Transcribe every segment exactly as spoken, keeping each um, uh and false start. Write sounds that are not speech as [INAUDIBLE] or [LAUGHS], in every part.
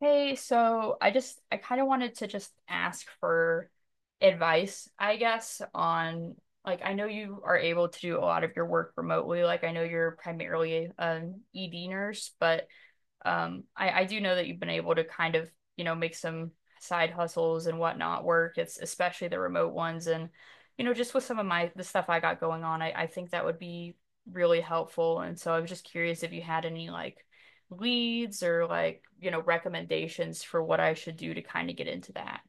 Hey, so I just I kind of wanted to just ask for advice, I guess, on like I know you are able to do a lot of your work remotely. Like I know you're primarily an E D nurse, but um, I, I do know that you've been able to kind of, you know, make some side hustles and whatnot work. It's especially the remote ones. And, you know, just with some of my the stuff I got going on, I, I think that would be really helpful. And so I was just curious if you had any like leads or like, you know, recommendations for what I should do to kind of get into that.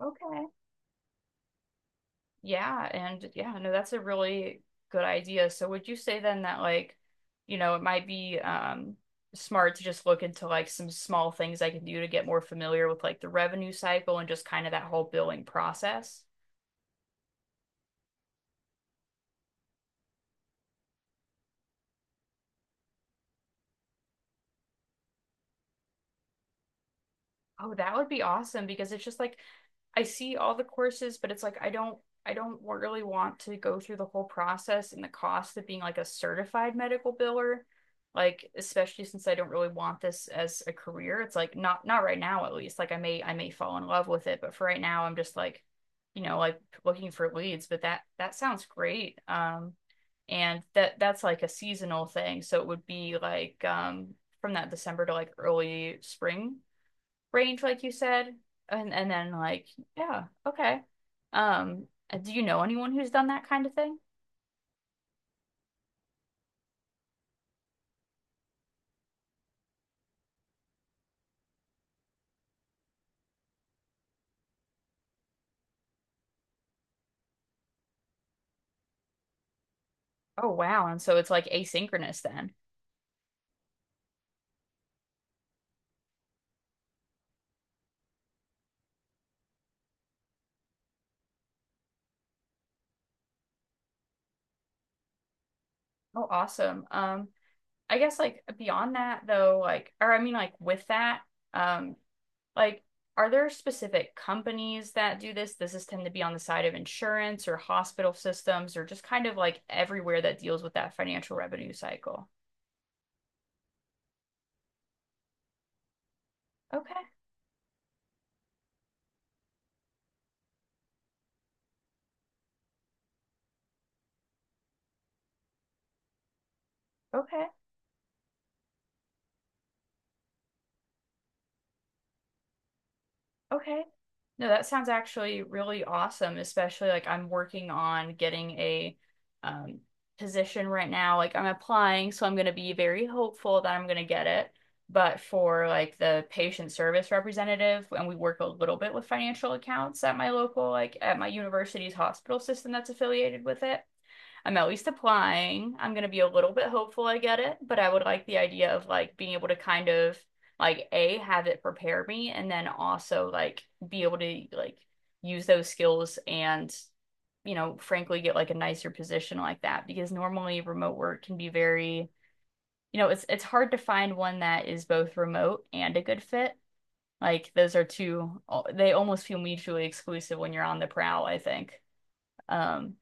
Okay. Yeah, and yeah, no, that's a really good idea. So would you say then that like, you know, it might be um smart to just look into like some small things I can do to get more familiar with like the revenue cycle and just kind of that whole billing process? Oh, that would be awesome because it's just like I see all the courses, but it's like I don't I don't really want to go through the whole process and the cost of being like a certified medical biller. Like especially since I don't really want this as a career. It's like not not right now at least. Like I may I may fall in love with it, but for right now I'm just like, you know, like looking for leads, but that that sounds great. Um and that that's like a seasonal thing. So it would be like um from that December to like early spring range, like you said, and and then like, yeah, okay. Um, do you know anyone who's done that kind of thing? Oh wow, and so it's like asynchronous then. Oh, awesome. Um, I guess like beyond that though, like, or I mean like with that, um, like are there specific companies that do this? Does this tend to be on the side of insurance or hospital systems or just kind of like everywhere that deals with that financial revenue cycle? Okay, okay, okay. No, that sounds actually really awesome, especially like I'm working on getting a um, position right now. Like I'm applying, so I'm going to be very hopeful that I'm going to get it. But for like the patient service representative, and we work a little bit with financial accounts at my local, like at my university's hospital system that's affiliated with it. I'm at least applying. I'm going to be a little bit hopeful I get it, but I would like the idea of like being able to kind of like A, have it prepare me and then also like be able to like use those skills and you know, frankly get like a nicer position like that because normally remote work can be very, you know, it's it's hard to find one that is both remote and a good fit. Like those are two they almost feel mutually exclusive when you're on the prowl, I think. Um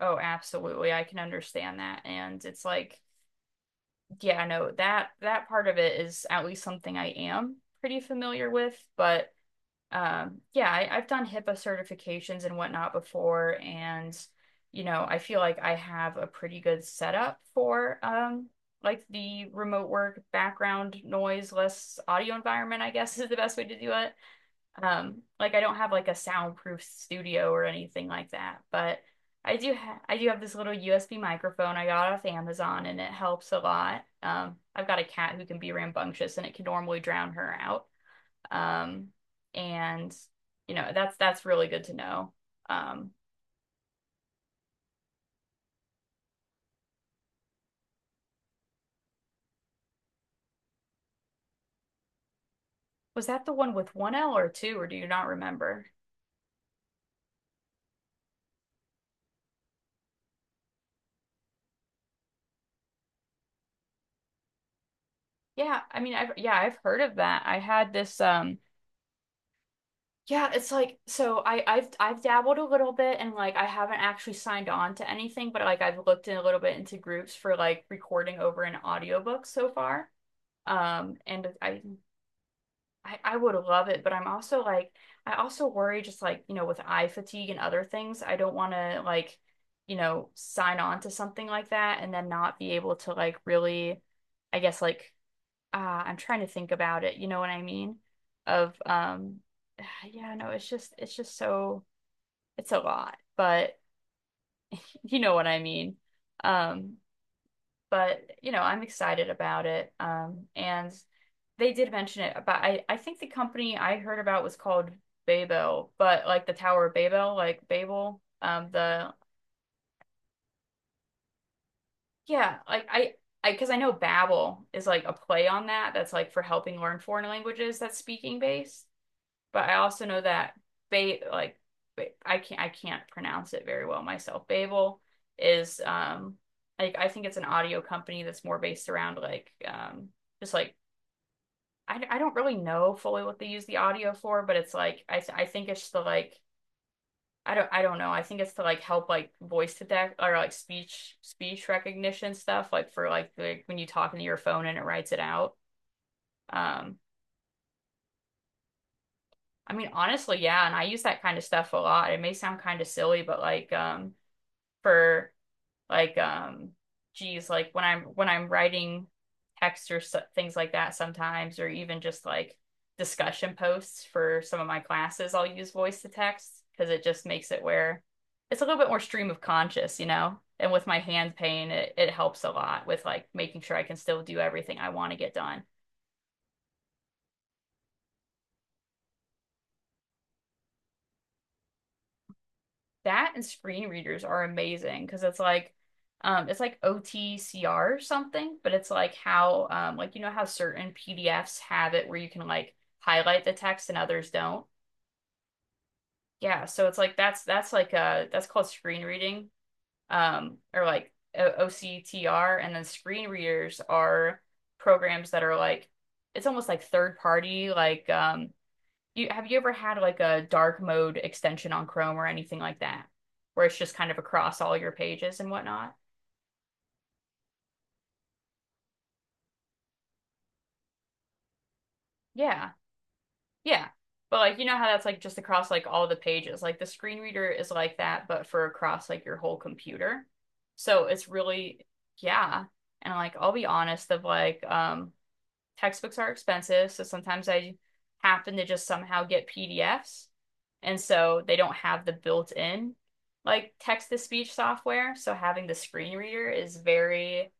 oh, absolutely. I can understand that. And it's like, yeah, no, that that part of it is at least something I am pretty familiar with. But um, yeah, I, I've done HIPAA certifications and whatnot before, and you know, I feel like I have a pretty good setup for um like the remote work background noise less audio environment, I guess [LAUGHS] is the best way to do it. Um, like I don't have like a soundproof studio or anything like that, but I do ha I do have this little U S B microphone I got off Amazon and it helps a lot. Um, I've got a cat who can be rambunctious and it can normally drown her out. Um, and you know, that's that's really good to know. Um, was that the one with one L or two, or do you not remember? Yeah, I mean, I've yeah, I've heard of that. I had this um Yeah, it's like so I I've I've dabbled a little bit and like I haven't actually signed on to anything, but like I've looked in a little bit into groups for like recording over an audiobook so far. Um and I I, I would love it, but I'm also like I also worry just like, you know, with eye fatigue and other things, I don't want to like, you know, sign on to something like that and then not be able to like really I guess like uh, I'm trying to think about it, you know what I mean? Of um [SIGHS] yeah, no, it's just it's just so it's a lot, but [LAUGHS] you know what I mean. Um, but you know, I'm excited about it. Um, and they did mention it, but I I think the company I heard about was called Babel, but like the Tower of Babel, like Babel, um the yeah, like I I because I know Babel is like a play on that that's like for helping learn foreign languages that's speaking based. But I also know that ba like I can't I can't pronounce it very well myself. Babel is um like I think it's an audio company that's more based around like um just like I, I don't really know fully what they use the audio for, but it's like I th I think it's the like I don't I don't know. I think it's to like help like voice to deck or like speech speech recognition stuff like for like, like when you talk into your phone and it writes it out. Um I mean, honestly, yeah, and I use that kind of stuff a lot. It may sound kind of silly, but like um for like um geez, like when I'm when I'm writing text or so, things like that sometimes or even just like discussion posts for some of my classes, I'll use voice to text because it just makes it where it's a little bit more stream of conscious, you know? And with my hand pain, it, it helps a lot with like making sure I can still do everything I want to get done. That and screen readers are amazing because it's like um it's like O T C R or something, but it's like how um like you know how certain P D Fs have it where you can like highlight the text and others don't. Yeah, so it's like that's that's like uh that's called screen reading um or like O C T R and then screen readers are programs that are like it's almost like third party like um you have you ever had like a dark mode extension on Chrome or anything like that, where it's just kind of across all your pages and whatnot? Yeah, yeah. But like you know how that's like just across like all the pages. Like the screen reader is like that, but for across like your whole computer. So it's really yeah. And like I'll be honest, of like um textbooks are expensive, so sometimes I happen to just somehow get P D Fs, and so they don't have the built-in like text to speech software. So having the screen reader is very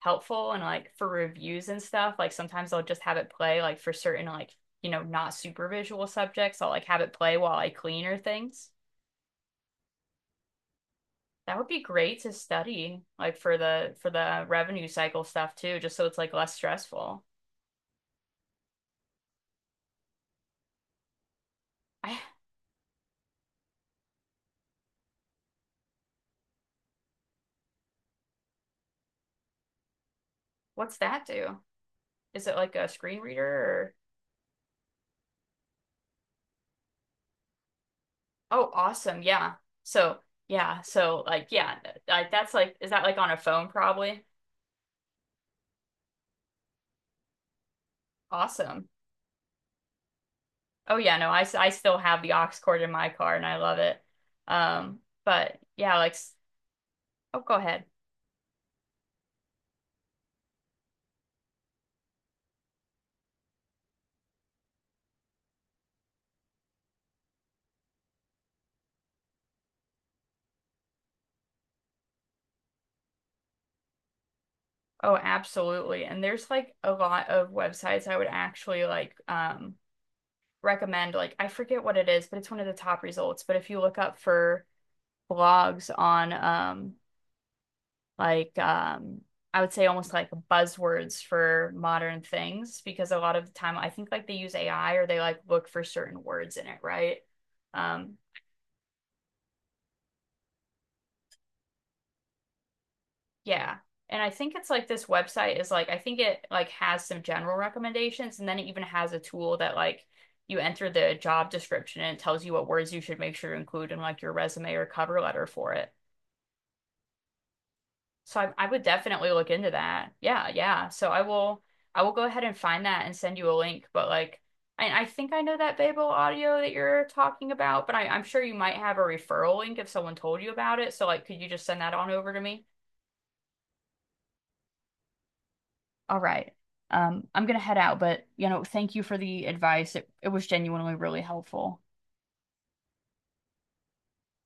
helpful and like for reviews and stuff. Like sometimes I'll just have it play like for certain like, you know, not super visual subjects. I'll like have it play while I clean or things. That would be great to study like for the for the revenue cycle stuff too, just so it's like less stressful. [SIGHS] I, what's that do? Is it like a screen reader or oh awesome yeah so yeah so like yeah like that's like is that like on a phone probably awesome oh yeah no I I still have the aux cord in my car and I love it um but yeah like s- oh go ahead oh absolutely and there's like a lot of websites I would actually like um recommend like I forget what it is but it's one of the top results but if you look up for blogs on um like um I would say almost like buzzwords for modern things because a lot of the time I think like they use A I or they like look for certain words in it, right? Um yeah. And I think it's like this website is like I think it like has some general recommendations and then it even has a tool that like you enter the job description and it tells you what words you should make sure to include in like your resume or cover letter for it. So I, I would definitely look into that. Yeah, yeah. So I will I will go ahead and find that and send you a link. But like I, I think I know that Babel audio that you're talking about, but I, I'm sure you might have a referral link if someone told you about it. So like could you just send that on over to me? All right. Um, I'm gonna head out, but you know, thank you for the advice. It it was genuinely really helpful.